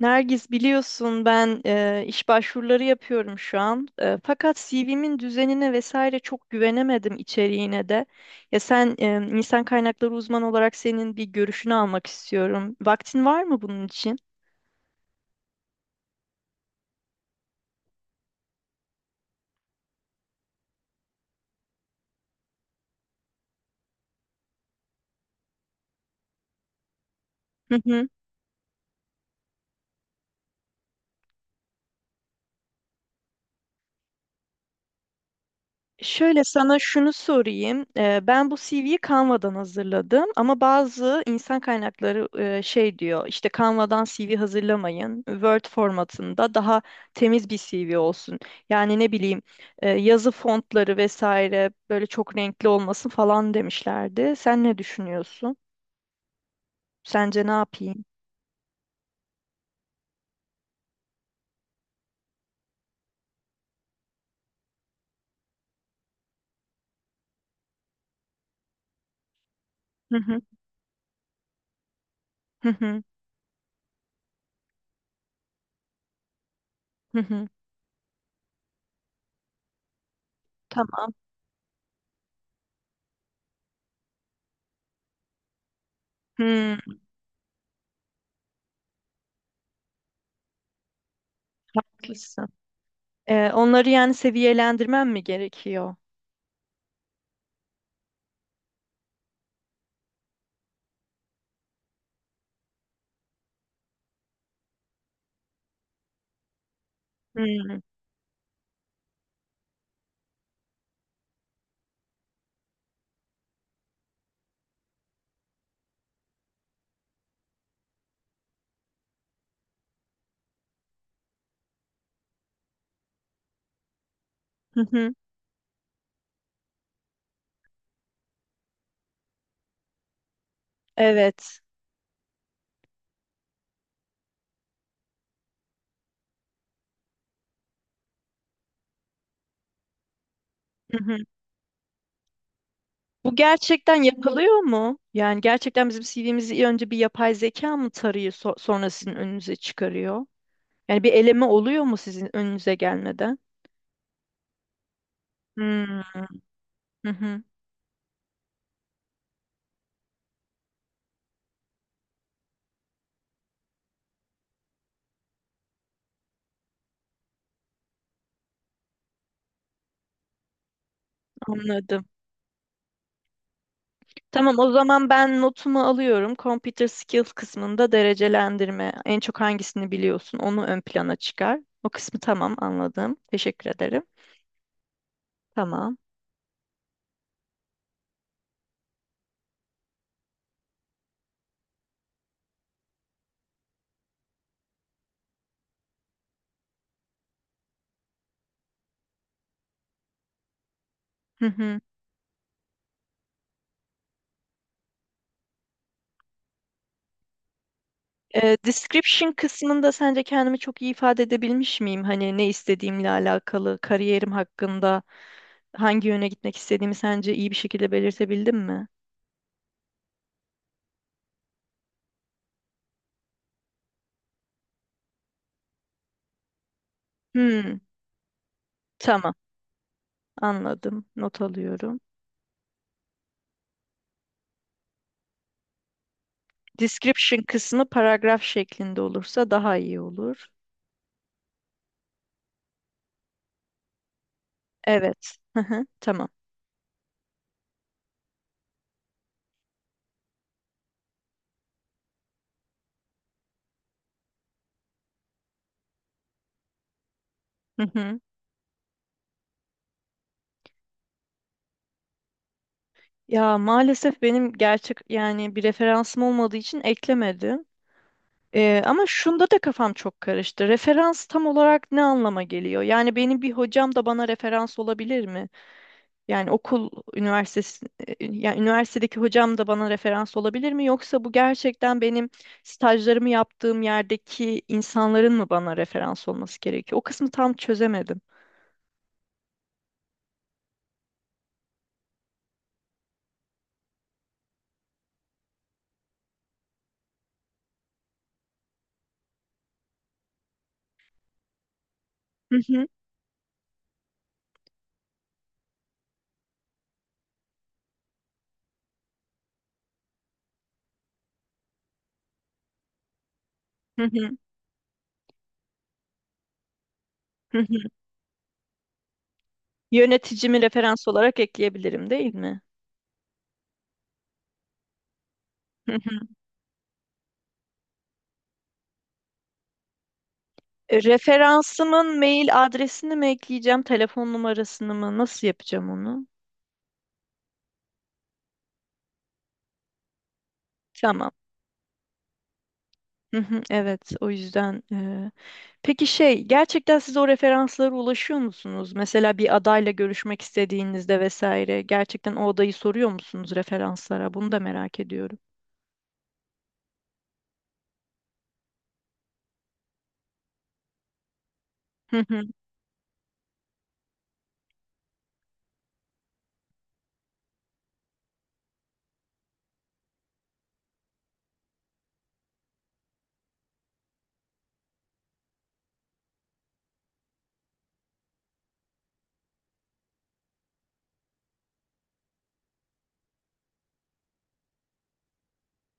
Nergis biliyorsun ben iş başvuruları yapıyorum şu an. Fakat CV'min düzenine vesaire çok güvenemedim içeriğine de. Ya sen insan kaynakları uzmanı olarak senin bir görüşünü almak istiyorum. Vaktin var mı bunun için? Şöyle sana şunu sorayım. Ben bu CV'yi Canva'dan hazırladım ama bazı insan kaynakları şey diyor işte Canva'dan CV hazırlamayın. Word formatında daha temiz bir CV olsun. Yani ne bileyim yazı fontları vesaire böyle çok renkli olmasın falan demişlerdi. Sen ne düşünüyorsun? Sence ne yapayım? Hı hı, hı hı, hı hı. Tamam. Hmm, haklısın. Onları yani seviyelendirmem mi gerekiyor? Hmm, hı hı. Evet. Hı hı. Bu gerçekten yapılıyor mu? Yani gerçekten bizim CV'mizi önce bir yapay zeka mı tarıyor sonra sizin önünüze çıkarıyor? Yani bir eleme oluyor mu sizin önünüze gelmeden? Hmm, hı hı, anladım. Tamam, o zaman ben notumu alıyorum. Computer skills kısmında derecelendirme. En çok hangisini biliyorsun onu ön plana çıkar. O kısmı tamam, anladım. Teşekkür ederim. Tamam. Hı hı. Description kısmında sence kendimi çok iyi ifade edebilmiş miyim? Hani ne istediğimle alakalı, kariyerim hakkında hangi yöne gitmek istediğimi sence iyi bir şekilde belirtebildim mi? Hmm, tamam, anladım. Not alıyorum. Description kısmı paragraf şeklinde olursa daha iyi olur. Evet. Hı hı, tamam. Hı hı. Ya maalesef benim gerçek yani bir referansım olmadığı için eklemedim. Ama şunda da kafam çok karıştı. Referans tam olarak ne anlama geliyor? Yani benim bir hocam da bana referans olabilir mi? Yani okul üniversitesi, yani üniversitedeki hocam da bana referans olabilir mi? Yoksa bu gerçekten benim stajlarımı yaptığım yerdeki insanların mı bana referans olması gerekiyor? O kısmı tam çözemedim. Hı hı, hı hı, hı hı. Yöneticimi referans olarak ekleyebilirim, değil mi? Hı hı. Referansımın mail adresini mi ekleyeceğim, telefon numarasını mı? Nasıl yapacağım onu? Tamam. Hı hı, evet, o yüzden. Peki şey, gerçekten siz o referanslara ulaşıyor musunuz? Mesela bir adayla görüşmek istediğinizde vesaire, gerçekten o adayı soruyor musunuz referanslara? Bunu da merak ediyorum. Hı hı,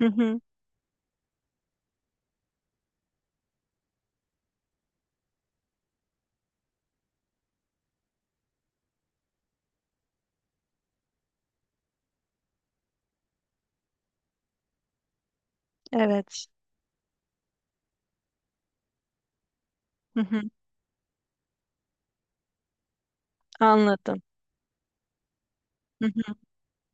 hı hı, evet. Hı hı, anladım. Hı hı,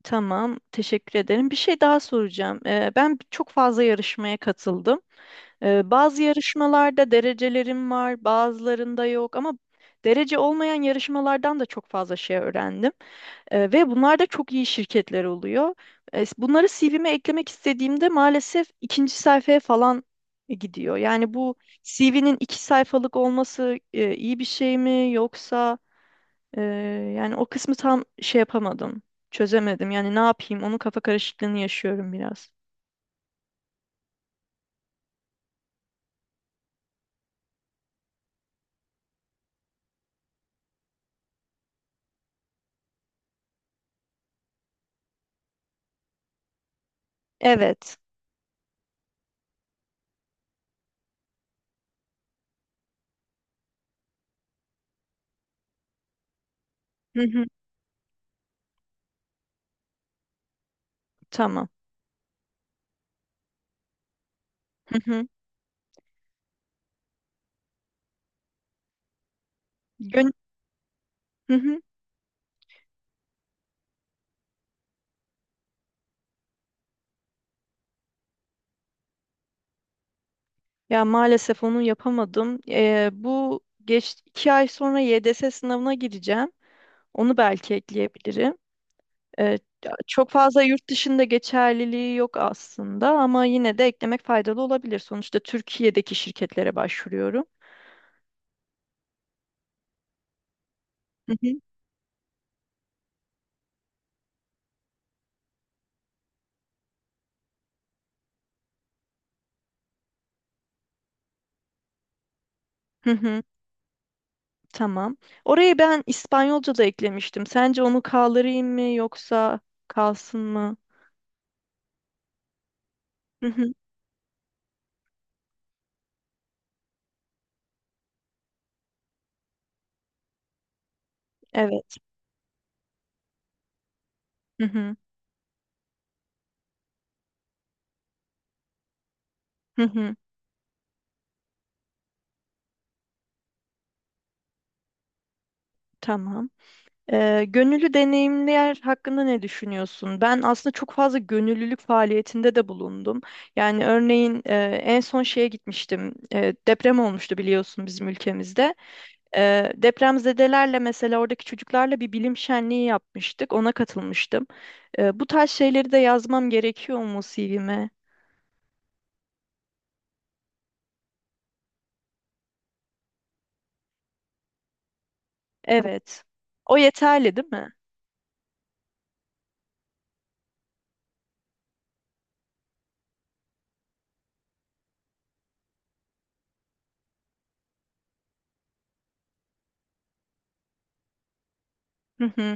tamam, teşekkür ederim. Bir şey daha soracağım. Ben çok fazla yarışmaya katıldım. Bazı yarışmalarda derecelerim var, bazılarında yok ama derece olmayan yarışmalardan da çok fazla şey öğrendim. Ve bunlar da çok iyi şirketler oluyor. Bunları CV'me eklemek istediğimde maalesef ikinci sayfaya falan gidiyor. Yani bu CV'nin 2 sayfalık olması iyi bir şey mi yoksa e, yani o kısmı tam şey yapamadım, çözemedim. Yani ne yapayım? Onun kafa karışıklığını yaşıyorum biraz. Evet. Hı hı. Tamam. Hı hı. Hı hı. Ya maalesef onu yapamadım. Bu geç 2 ay sonra YDS sınavına gireceğim. Onu belki ekleyebilirim. Ee, Çok fazla yurt dışında geçerliliği yok aslında ama yine de eklemek faydalı olabilir. Sonuçta Türkiye'deki şirketlere başvuruyorum. Hı hı. Hı hı. Tamam. Orayı ben İspanyolca da eklemiştim. Sence onu kaldırayım mı yoksa kalsın mı? Hı hı. Evet. Hı hı. Hı hı. Tamam. Gönüllü deneyimler hakkında ne düşünüyorsun? Ben aslında çok fazla gönüllülük faaliyetinde de bulundum. Yani örneğin en son şeye gitmiştim. Deprem olmuştu biliyorsun bizim ülkemizde. Depremzedelerle mesela oradaki çocuklarla bir bilim şenliği yapmıştık. Ona katılmıştım. Bu tarz şeyleri de yazmam gerekiyor mu CV'me? Evet. O yeterli değil mi? Hı hı,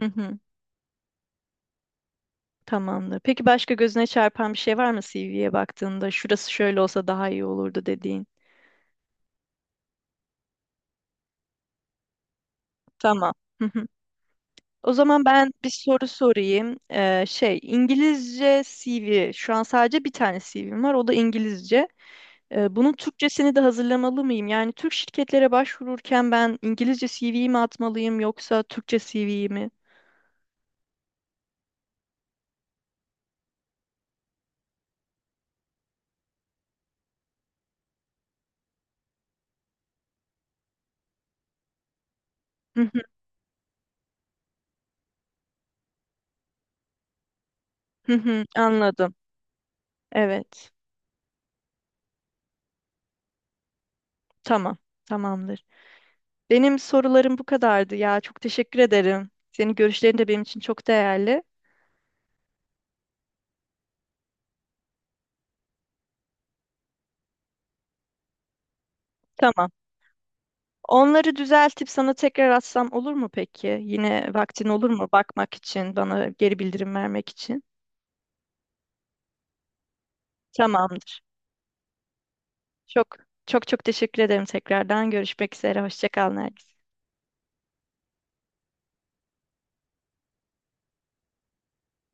hı hı. Tamamdır. Peki başka gözüne çarpan bir şey var mı CV'ye baktığında? Şurası şöyle olsa daha iyi olurdu dediğin. Tamam. Hı hı. O zaman ben bir soru sorayım. Şey, İngilizce CV. Şu an sadece bir tane CV'm var. O da İngilizce. Bunun Türkçesini de hazırlamalı mıyım? Yani Türk şirketlere başvururken ben İngilizce CV'yi mi atmalıyım yoksa Türkçe CV'yi mi? Hı hı, hı hı, anladım. Evet. Tamam. Tamamdır. Benim sorularım bu kadardı ya. Çok teşekkür ederim. Senin görüşlerin de benim için çok değerli. Tamam. Onları düzeltip sana tekrar atsam olur mu peki? Yine vaktin olur mu bakmak için, bana geri bildirim vermek için? Tamamdır. Çok çok çok teşekkür ederim tekrardan. Görüşmek üzere. Hoşça kal Nergis.